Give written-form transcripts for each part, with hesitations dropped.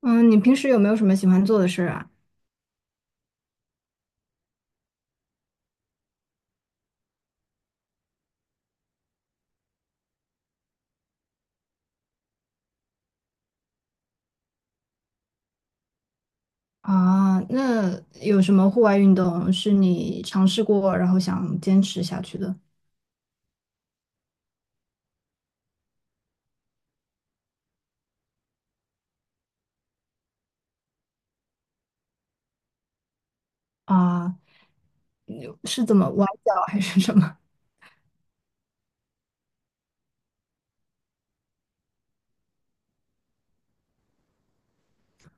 嗯，你平时有没有什么喜欢做的事儿啊？啊，那有什么户外运动是你尝试过，然后想坚持下去的？啊，有是怎么崴脚还是什么？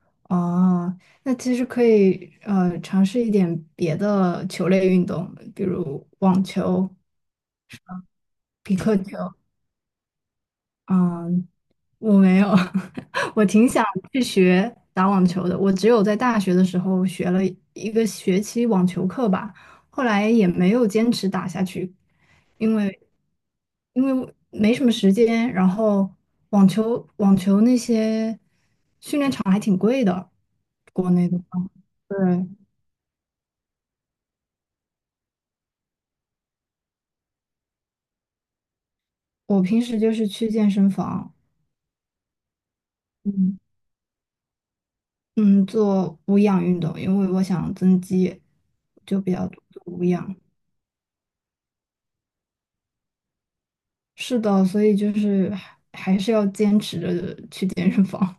哦，那其实可以尝试一点别的球类运动，比如网球、皮克球。嗯，我没有，我挺想去学打网球的。我只有在大学的时候学了一个学期网球课吧，后来也没有坚持打下去，因为因为我没什么时间，然后网球那些训练场还挺贵的，国内的话。对，我平时就是去健身房，嗯嗯，做无氧运动，因为我想增肌，就比较多做无氧。是的，所以就是还是要坚持着去健身房。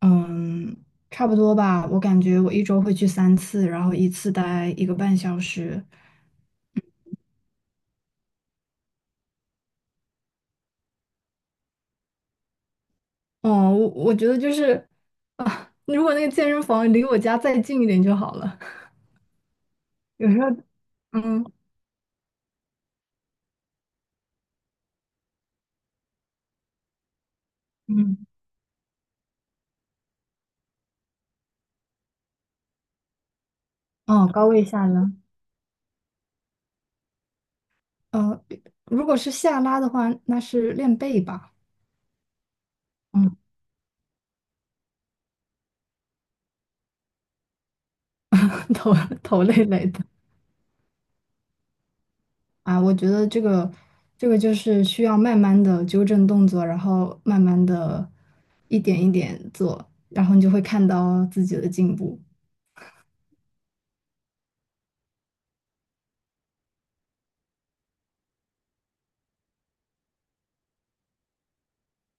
嗯，差不多吧。我感觉我一周会去三次，然后一次待一个半小时。嗯，我觉得就是啊，如果那个健身房离我家再近一点就好了。有时候，嗯嗯，哦，高位下拉，呃，如果是下拉的话，那是练背吧。嗯，头头累累的。啊，我觉得这个就是需要慢慢的纠正动作，然后慢慢的一点一点做，然后你就会看到自己的进步，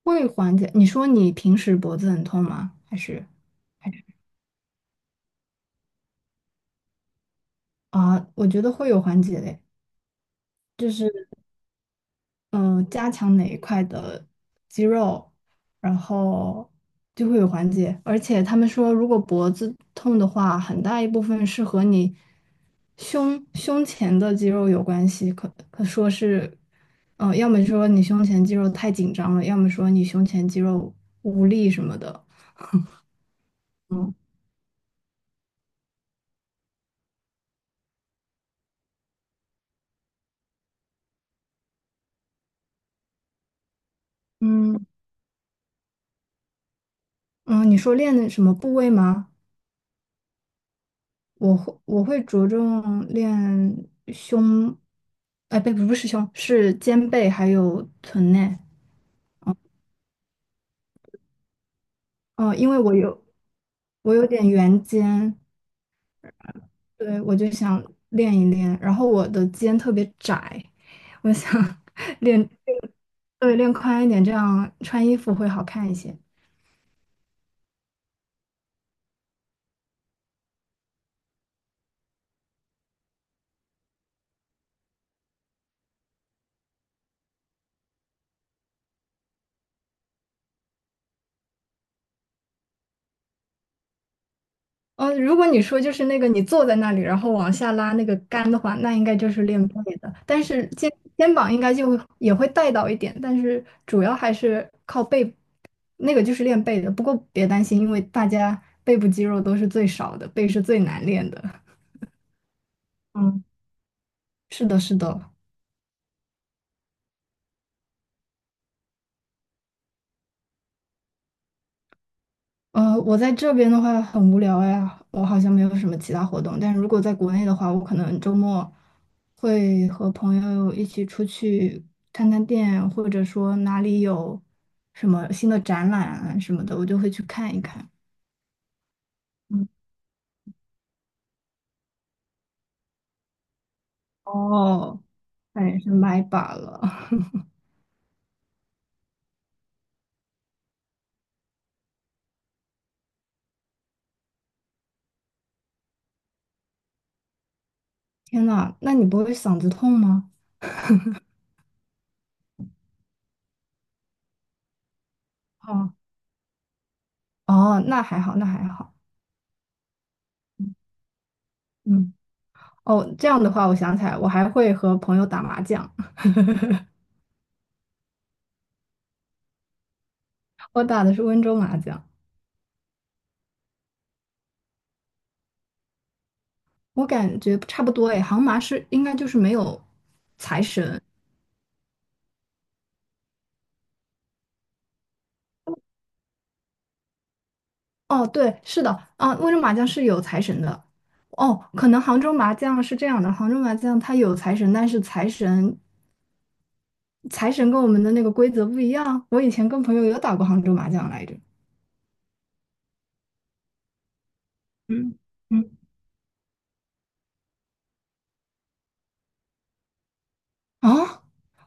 会缓解。你说你平时脖子很痛吗？还是还是啊？我觉得会有缓解的，就是加强哪一块的肌肉，然后就会有缓解。而且他们说，如果脖子痛的话，很大一部分是和你胸前的肌肉有关系，可说是，嗯、要么说你胸前肌肉太紧张了，要么说你胸前肌肉无力什么的。嗯，嗯嗯，你说练的什么部位吗？我会着重练胸，哎，不是胸，是肩背还有臀内。哦，因为我有点圆肩，对，我就想练一练。然后我的肩特别窄，我想 练对练宽一点，这样穿衣服会好看一些。呃，如果你说就是那个你坐在那里，然后往下拉那个杆的话，那应该就是练背的。但是肩膀应该就会也会带到一点，但是主要还是靠背，那个就是练背的。不过别担心，因为大家背部肌肉都是最少的，背是最难练的。嗯，是的，是的。呃，我在这边的话很无聊呀，我好像没有什么其他活动。但如果在国内的话，我可能周末会和朋友一起出去探探店，或者说哪里有什么新的展览啊什么的，我就会去看一看。嗯，哦，那也是麦霸了。天呐，那你不会嗓子痛吗？哦，哦，那还好，那还好。嗯，哦，这样的话，我想起来，我还会和朋友打麻将，我打的是温州麻将。我感觉差不多诶，杭麻是应该就是没有财神。哦，对，是的，啊，温州麻将是有财神的。哦，可能杭州麻将是这样的，杭州麻将它有财神，但是财神跟我们的那个规则不一样。我以前跟朋友有打过杭州麻将来着。嗯嗯啊，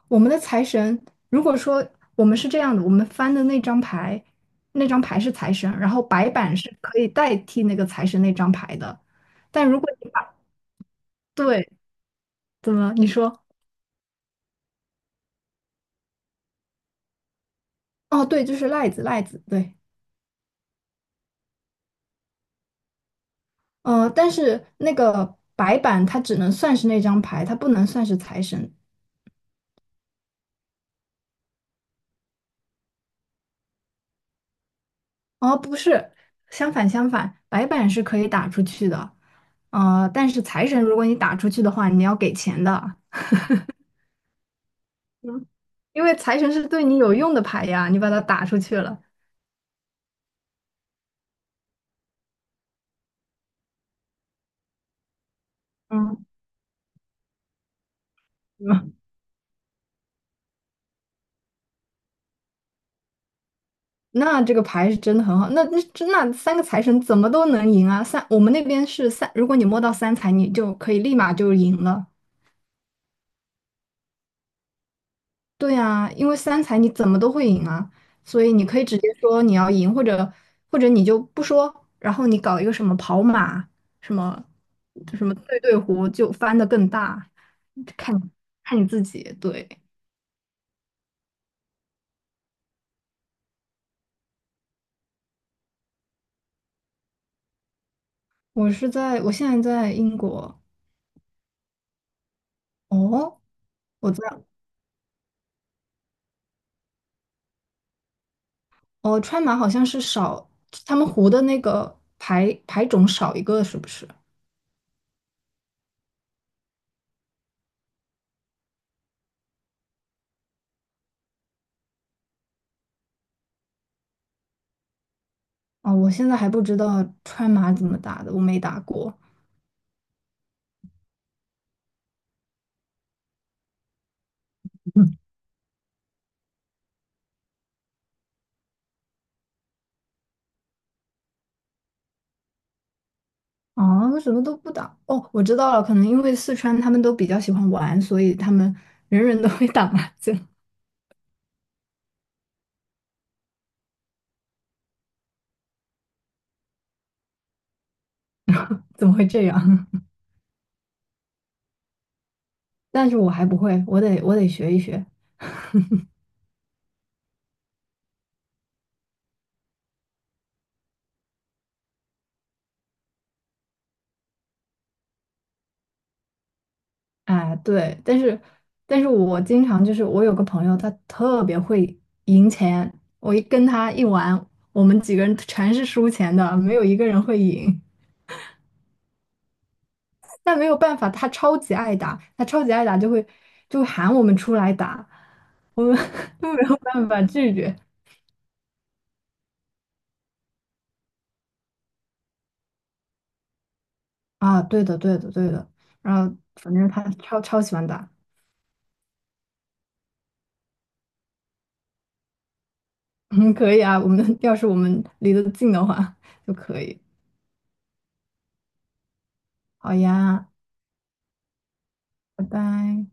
我们的财神，如果说我们是这样的，我们翻的那张牌，那张牌是财神，然后白板是可以代替那个财神那张牌的。但如果你把，对，怎么？你说？哦，对，就是赖子，赖子，对，呃，但是那个白板它只能算是那张牌，它不能算是财神。哦，不是，相反，白板是可以打出去的，呃，但是财神如果你打出去的话，你要给钱的，嗯，因为财神是对你有用的牌呀，你把它打出去了，嗯，嗯 那这个牌是真的很好，那三个财神怎么都能赢啊？三，我们那边是三，如果你摸到三财，你就可以立马就赢了。对啊，因为三才你怎么都会赢啊，所以你可以直接说你要赢，或者你就不说，然后你搞一个什么跑马，什么什么对对胡，就翻的更大，看你自己。对，我现在在英国，哦，我在哦，川马好像是少，他们胡的那个牌种少一个是不是？哦，我现在还不知道川马怎么打的，我没打过。哦，什么都不打。哦，我知道了，可能因为四川他们都比较喜欢玩，所以他们人人都会打麻将。怎么会这样？但是我还不会，我得学一学。哎，对，但是我经常就是我有个朋友，他特别会赢钱，我一跟他一玩，我们几个人全是输钱的，没有一个人会赢。但没有办法，他超级爱打，他超级爱打就会喊我们出来打，我们 都没有办法拒绝。啊，对的，对的，对的。然后反正他超喜欢打，嗯，可以啊。我们要是离得近的话 就可以。好呀，拜拜。